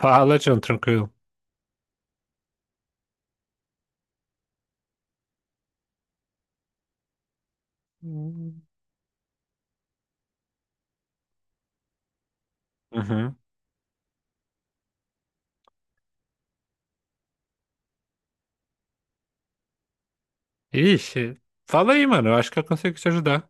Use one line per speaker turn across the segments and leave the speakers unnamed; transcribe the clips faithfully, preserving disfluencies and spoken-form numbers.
Fala, John, tranquilo. Uhum. Ixi, fala aí, mano. Eu acho que eu consigo te ajudar.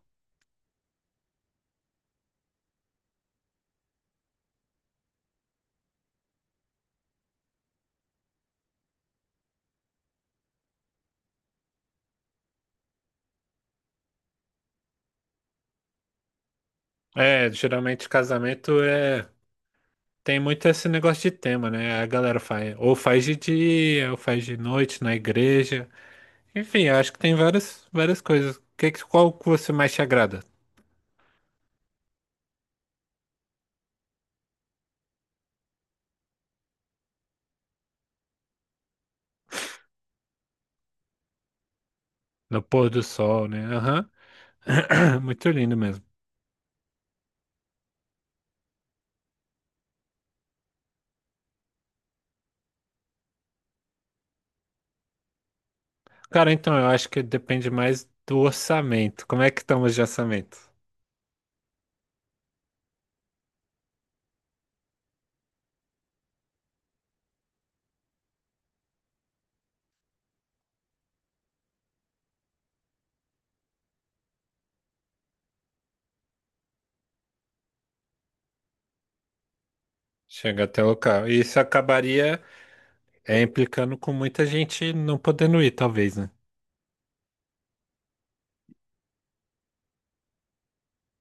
É, geralmente casamento é. Tem muito esse negócio de tema, né? A galera faz. Ou faz de dia, ou faz de noite na igreja. Enfim, eu acho que tem várias, várias coisas. Que, que- qual que você mais te agrada? No pôr do sol, né? Aham. Muito lindo mesmo. Cara, então, eu acho que depende mais do orçamento. Como é que estamos de orçamento? Chega até o local. Isso acabaria. É implicando com muita gente não podendo ir, talvez, né?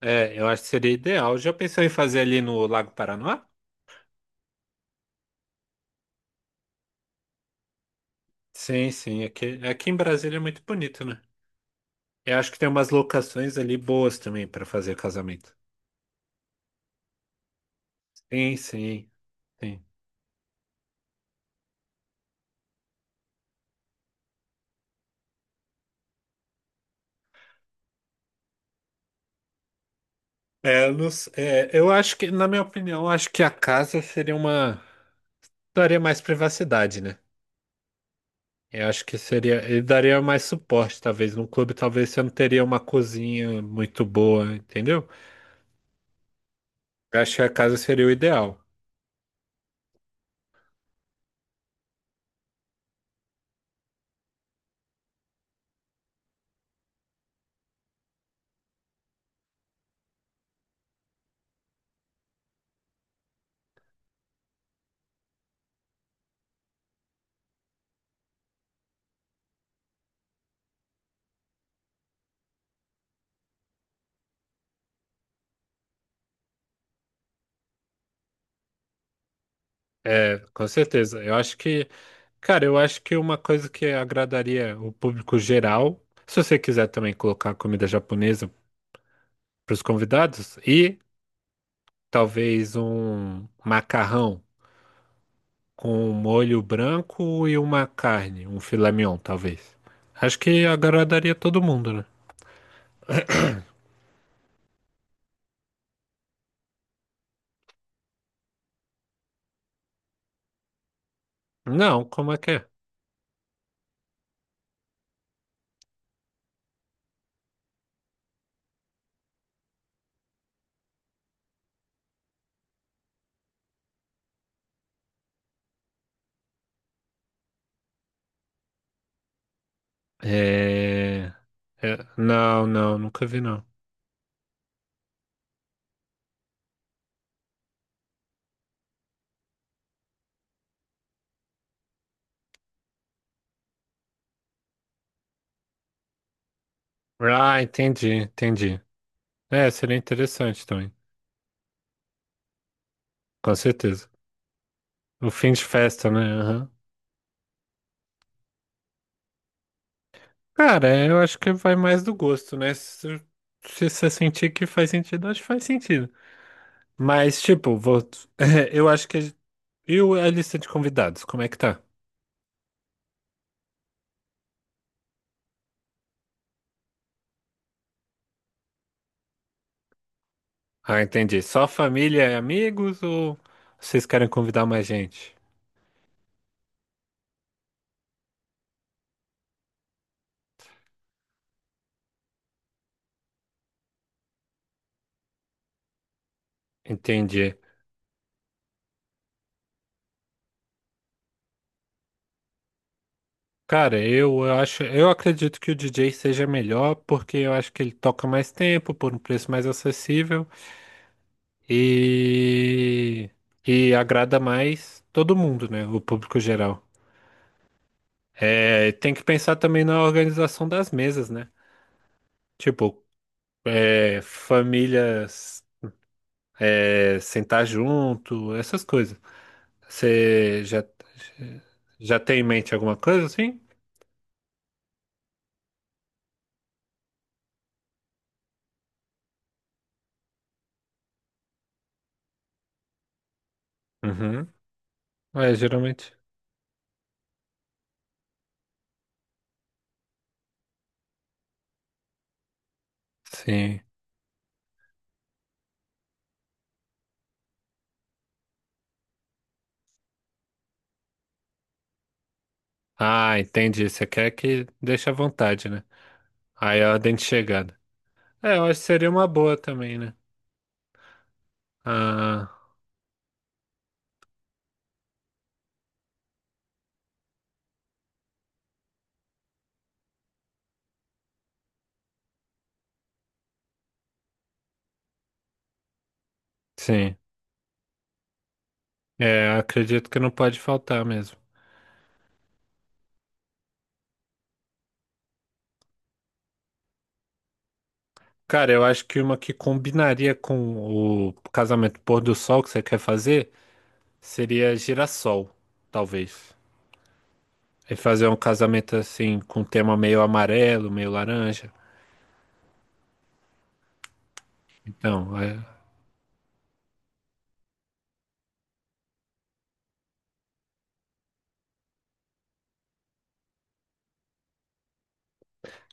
É, eu acho que seria ideal. Já pensou em fazer ali no Lago Paranoá? Sim, sim. Aqui, aqui em Brasília é muito bonito, né? Eu acho que tem umas locações ali boas também para fazer casamento. Sim, sim, sim. É, eu, não s- é, eu acho que, na minha opinião, eu acho que a casa seria uma. Daria mais privacidade, né? Eu acho que seria. Ele daria mais suporte, talvez. Num clube, talvez você não teria uma cozinha muito boa, entendeu? Eu acho que a casa seria o ideal. É, com certeza. Eu acho que, cara, eu acho que uma coisa que agradaria o público geral, se você quiser também colocar comida japonesa para os convidados, e talvez um macarrão com um molho branco e uma carne, um filé mignon, talvez. Acho que agradaria todo mundo, né? Não, como é que é? É... é, não, não, nunca vi, não. Ah, entendi, entendi. É, seria interessante também, com certeza. O fim de festa, né? Aham. Cara, é, eu acho que vai mais do gosto, né? Se se você sentir que faz sentido, acho que faz sentido. Mas, tipo, vou... é, eu acho que. E o- a lista de convidados, como é que tá? Ah, entendi. Só família e amigos ou vocês querem convidar mais gente? Entendi. Cara, eu acho, eu acredito que o D J seja melhor porque eu acho que ele toca mais tempo por um preço mais acessível. E que agrada mais todo mundo, né? O público geral. É, tem que pensar também na organização das mesas, né? Tipo, é, famílias é, sentar junto, essas coisas. Você já, já tem em mente alguma coisa assim? Uhum. É, geralmente. Sim. Ah, entendi. Você quer que deixe à vontade, né? Aí é a ordem de chegada. É, eu acho que seria uma boa também, né? Ah, sim. É, eu acredito que não pode faltar mesmo. Cara, eu acho que uma que combinaria com o casamento pôr do sol que você quer fazer seria girassol, talvez. E fazer um casamento assim com um tema meio amarelo, meio laranja. Então, é...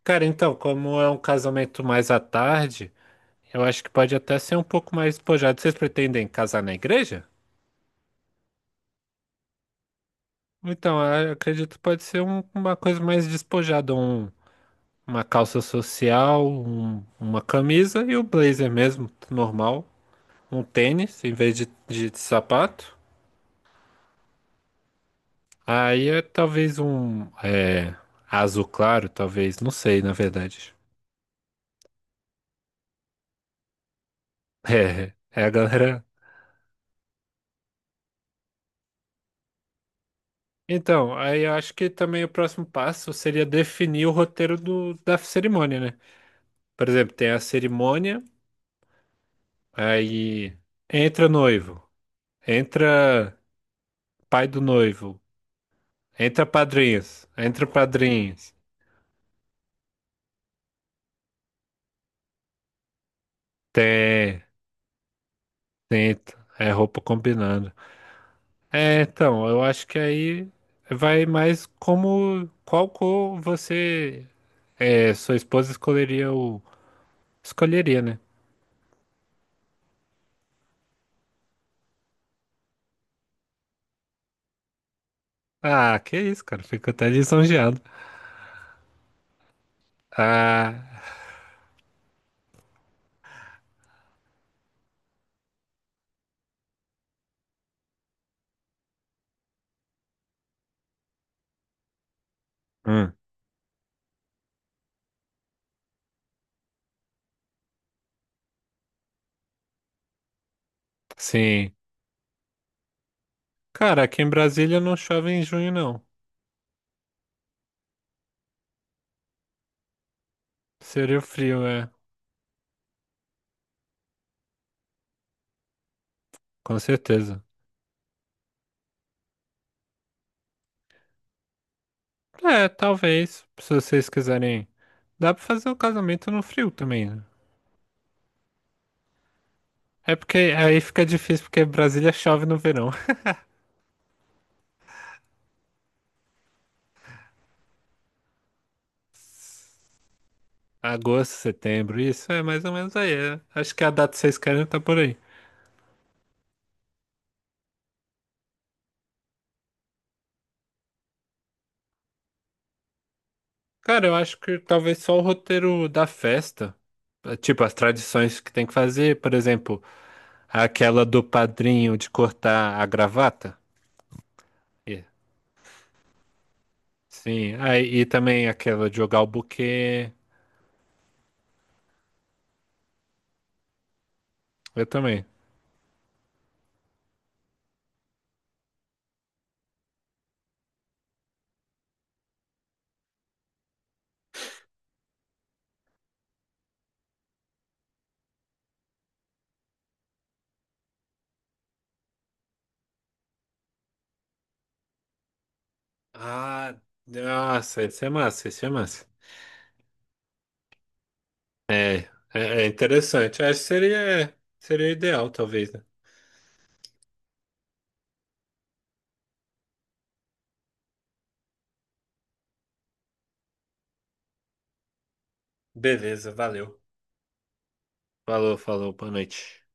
cara, então, como é um casamento mais à tarde, eu acho que pode até ser um pouco mais despojado. Vocês pretendem casar na igreja? Então, eu acredito que pode ser um- uma coisa mais despojada, um uma calça social, um- uma camisa e o blazer mesmo, normal. Um tênis em vez de, de sapato. Aí é talvez um é, azul claro, talvez, não sei, na verdade. É, é a galera. Então, aí eu acho que também o próximo passo seria definir o roteiro do, da cerimônia, né? Por exemplo, tem a cerimônia, aí entra noivo, entra pai do noivo, entra padrinhos, entra padrinhas. Tem, tem, é roupa combinando. É, então, eu acho que aí vai mais como qual cor você, é, sua esposa escolheria o, escolheria, né? Ah, que isso, cara, fico até lisonjeado. Ah, hum, sim. Cara, aqui em Brasília não chove em junho, não. Seria frio, é, com certeza. É, talvez, se vocês quiserem. Dá pra fazer um casamento no frio também, né? É porque aí fica difícil porque Brasília chove no verão. Agosto, setembro, isso é mais ou menos aí. É. Acho que a data que vocês querem tá por aí. Cara, eu acho que talvez só o roteiro da festa, eh, tipo as tradições que tem que fazer, por exemplo, aquela do padrinho de cortar a gravata. E- sim, aí e também aquela de jogar o buquê. Eu também. Ah, nossa, isso é massa, isso é massa. É, é, é interessante. Acho que seria, seria ideal, talvez, né? Beleza, valeu. Falou, falou, boa noite.